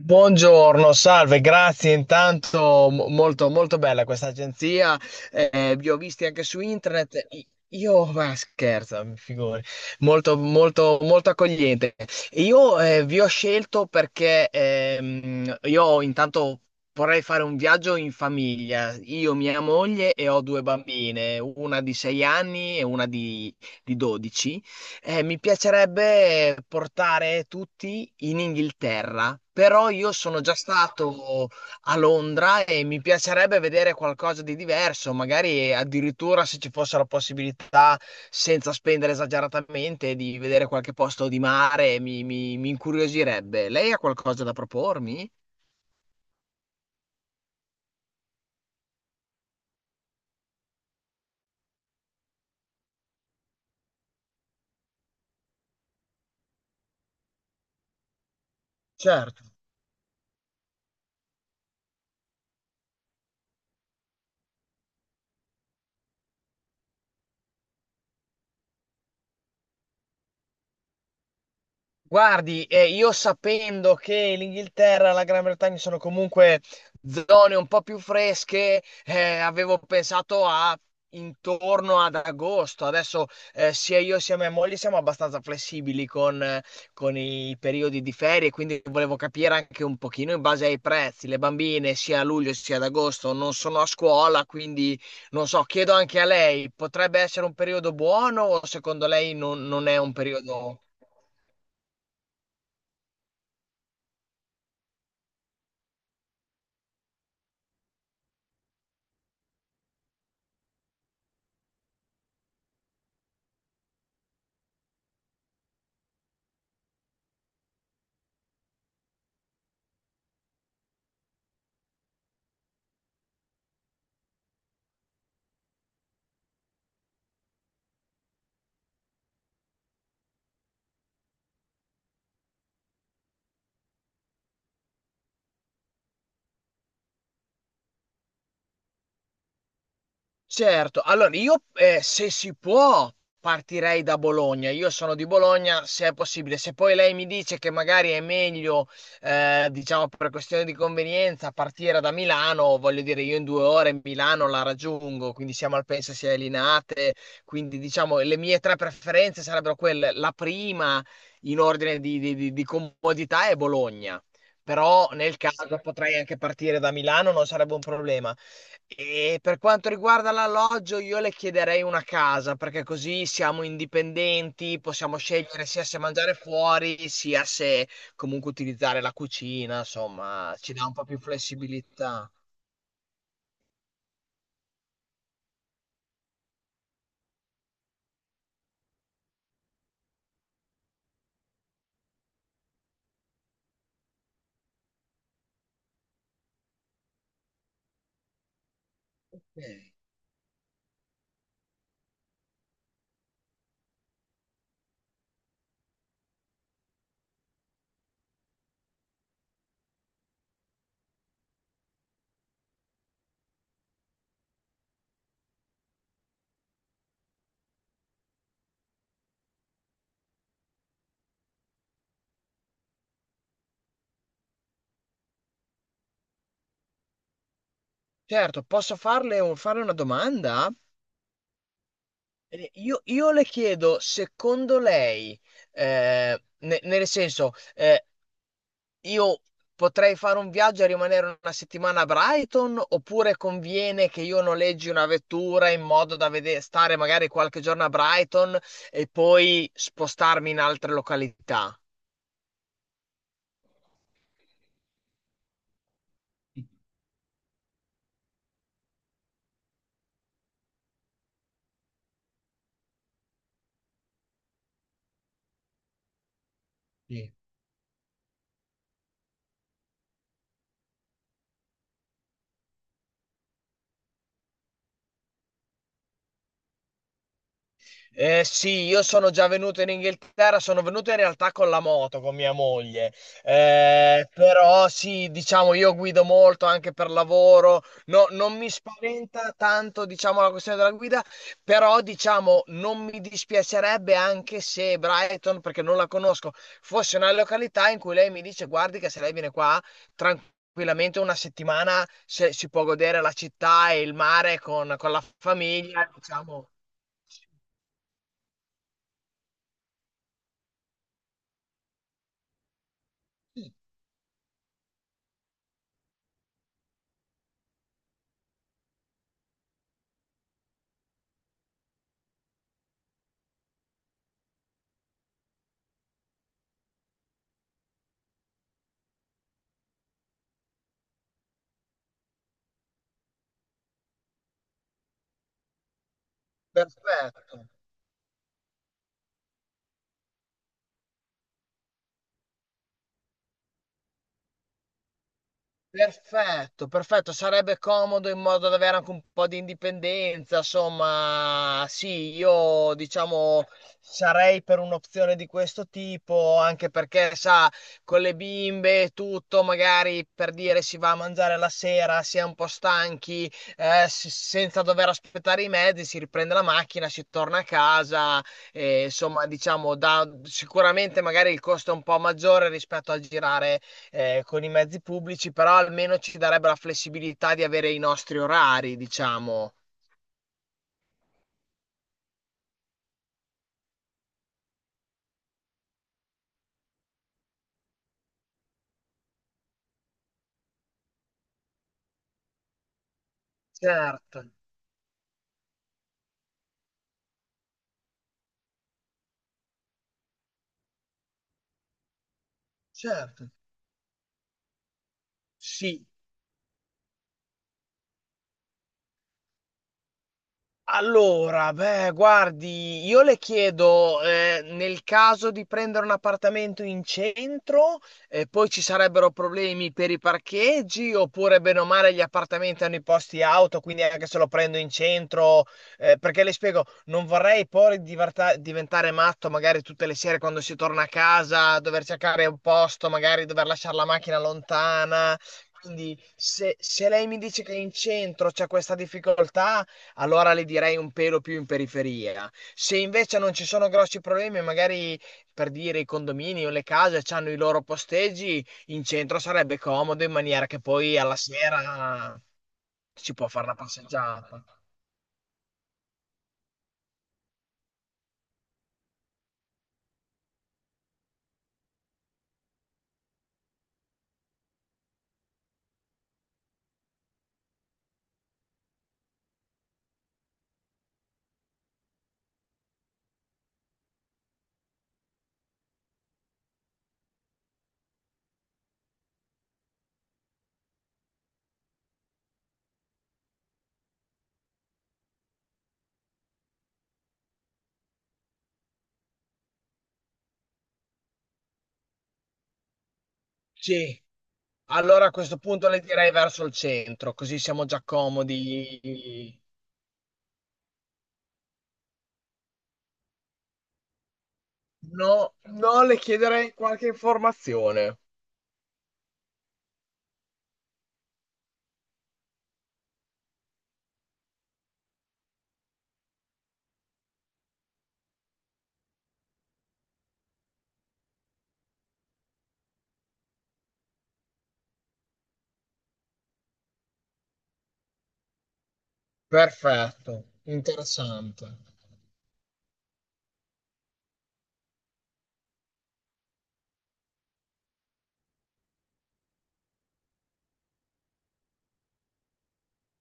Buongiorno, salve, grazie intanto, molto, molto bella questa agenzia, vi ho visti anche su internet, io, ma scherzo, mi figuri, molto, molto, molto accogliente. Io vi ho scelto perché io intanto vorrei fare un viaggio in famiglia, io, mia moglie e ho due bambine, una di 6 anni e una di 12. Eh, mi piacerebbe portare tutti in Inghilterra, però io sono già stato a Londra e mi piacerebbe vedere qualcosa di diverso, magari addirittura se ci fosse la possibilità, senza spendere esageratamente, di vedere qualche posto di mare, mi incuriosirebbe. Lei ha qualcosa da propormi? Certo. Guardi, io sapendo che l'Inghilterra e la Gran Bretagna sono comunque zone un po' più fresche, avevo pensato a intorno ad agosto. Adesso sia io sia mia moglie siamo abbastanza flessibili con i periodi di ferie, quindi volevo capire anche un pochino in base ai prezzi. Le bambine sia a luglio sia ad agosto non sono a scuola, quindi non so, chiedo anche a lei, potrebbe essere un periodo buono o secondo lei non è un periodo... Certo, allora io se si può partirei da Bologna, io sono di Bologna se è possibile, se poi lei mi dice che magari è meglio, diciamo per questione di convenienza, partire da Milano, voglio dire io in due ore Milano la raggiungo, quindi siamo al penso sia a Linate, quindi diciamo le mie tre preferenze sarebbero quelle, la prima in ordine di comodità è Bologna, però nel caso potrei anche partire da Milano, non sarebbe un problema. E per quanto riguarda l'alloggio, io le chiederei una casa, perché così siamo indipendenti, possiamo scegliere sia se mangiare fuori, sia se comunque utilizzare la cucina, insomma, ci dà un po' più flessibilità. Ok. Certo, posso farle fare una domanda? Io le chiedo, secondo lei, nel senso, io potrei fare un viaggio e rimanere una settimana a Brighton, oppure conviene che io noleggi una vettura in modo da stare magari qualche giorno a Brighton e poi spostarmi in altre località? Eh sì, io sono già venuto in Inghilterra, sono venuto in realtà con la moto, con mia moglie. Però sì, diciamo io guido molto anche per lavoro. No, non mi spaventa tanto diciamo la questione della guida, però diciamo non mi dispiacerebbe anche se Brighton, perché non la conosco, fosse una località in cui lei mi dice guardi che se lei viene qua tranquillamente una settimana si può godere la città e il mare con la famiglia, diciamo. Perfetto, perfetto, perfetto. Sarebbe comodo in modo da avere anche un po' di indipendenza. Insomma, sì, io diciamo sarei per un'opzione di questo tipo, anche perché, sa, con le bimbe e tutto, magari per dire si va a mangiare la sera, si è un po' stanchi, senza dover aspettare i mezzi, si riprende la macchina, si torna a casa. E, insomma, diciamo, da, sicuramente magari il costo è un po' maggiore rispetto al girare con i mezzi pubblici, però almeno ci darebbe la flessibilità di avere i nostri orari, diciamo. Certo, certo. Sì, allora, beh, guardi, io le chiedo, nel caso di prendere un appartamento in centro, poi ci sarebbero problemi per i parcheggi, oppure bene o male gli appartamenti hanno i posti auto, quindi anche se lo prendo in centro, perché le spiego, non vorrei poi diventare matto magari tutte le sere quando si torna a casa, dover cercare un posto, magari dover lasciare la macchina lontana. Quindi se lei mi dice che in centro c'è questa difficoltà, allora li direi un pelo più in periferia. Se invece non ci sono grossi problemi, magari per dire i condomini o le case hanno i loro posteggi, in centro sarebbe comodo in maniera che poi alla sera si può fare una passeggiata. Sì, allora a questo punto le direi verso il centro, così siamo già comodi. No, no, le chiederei qualche informazione. Perfetto, interessante.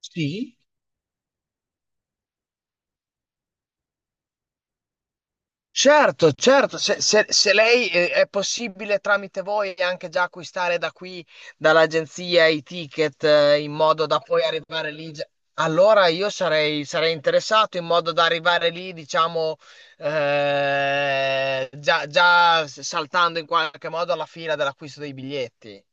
Sì? Certo, certo, se lei è possibile tramite voi anche già acquistare da qui, dall'agenzia, i ticket in modo da poi arrivare lì, già- allora io sarei interessato in modo da arrivare lì, diciamo, già saltando in qualche modo alla fila dell'acquisto dei biglietti.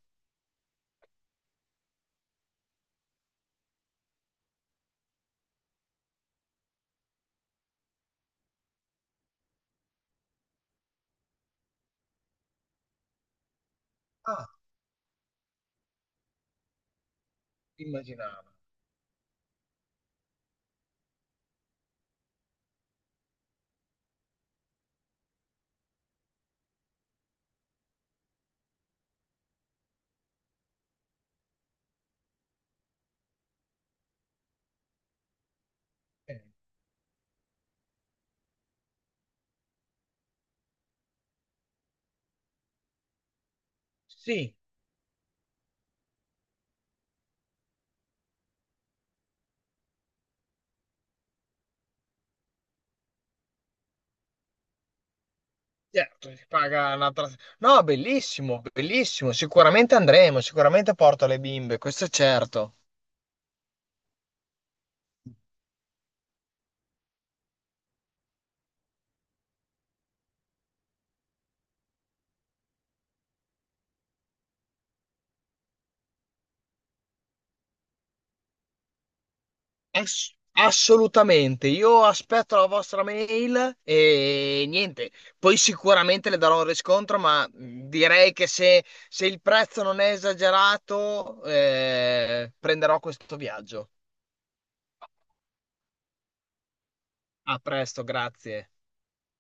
Ah, immaginavo. Eh, Sì. Certo, si paga una tras- no, bellissimo, bellissimo. Sicuramente andremo, sicuramente porto le bimbe, questo è certo. Assolutamente. Io aspetto la vostra mail e niente. Poi sicuramente le darò un riscontro, ma direi che se, se il prezzo non è esagerato, prenderò questo viaggio. A presto, grazie.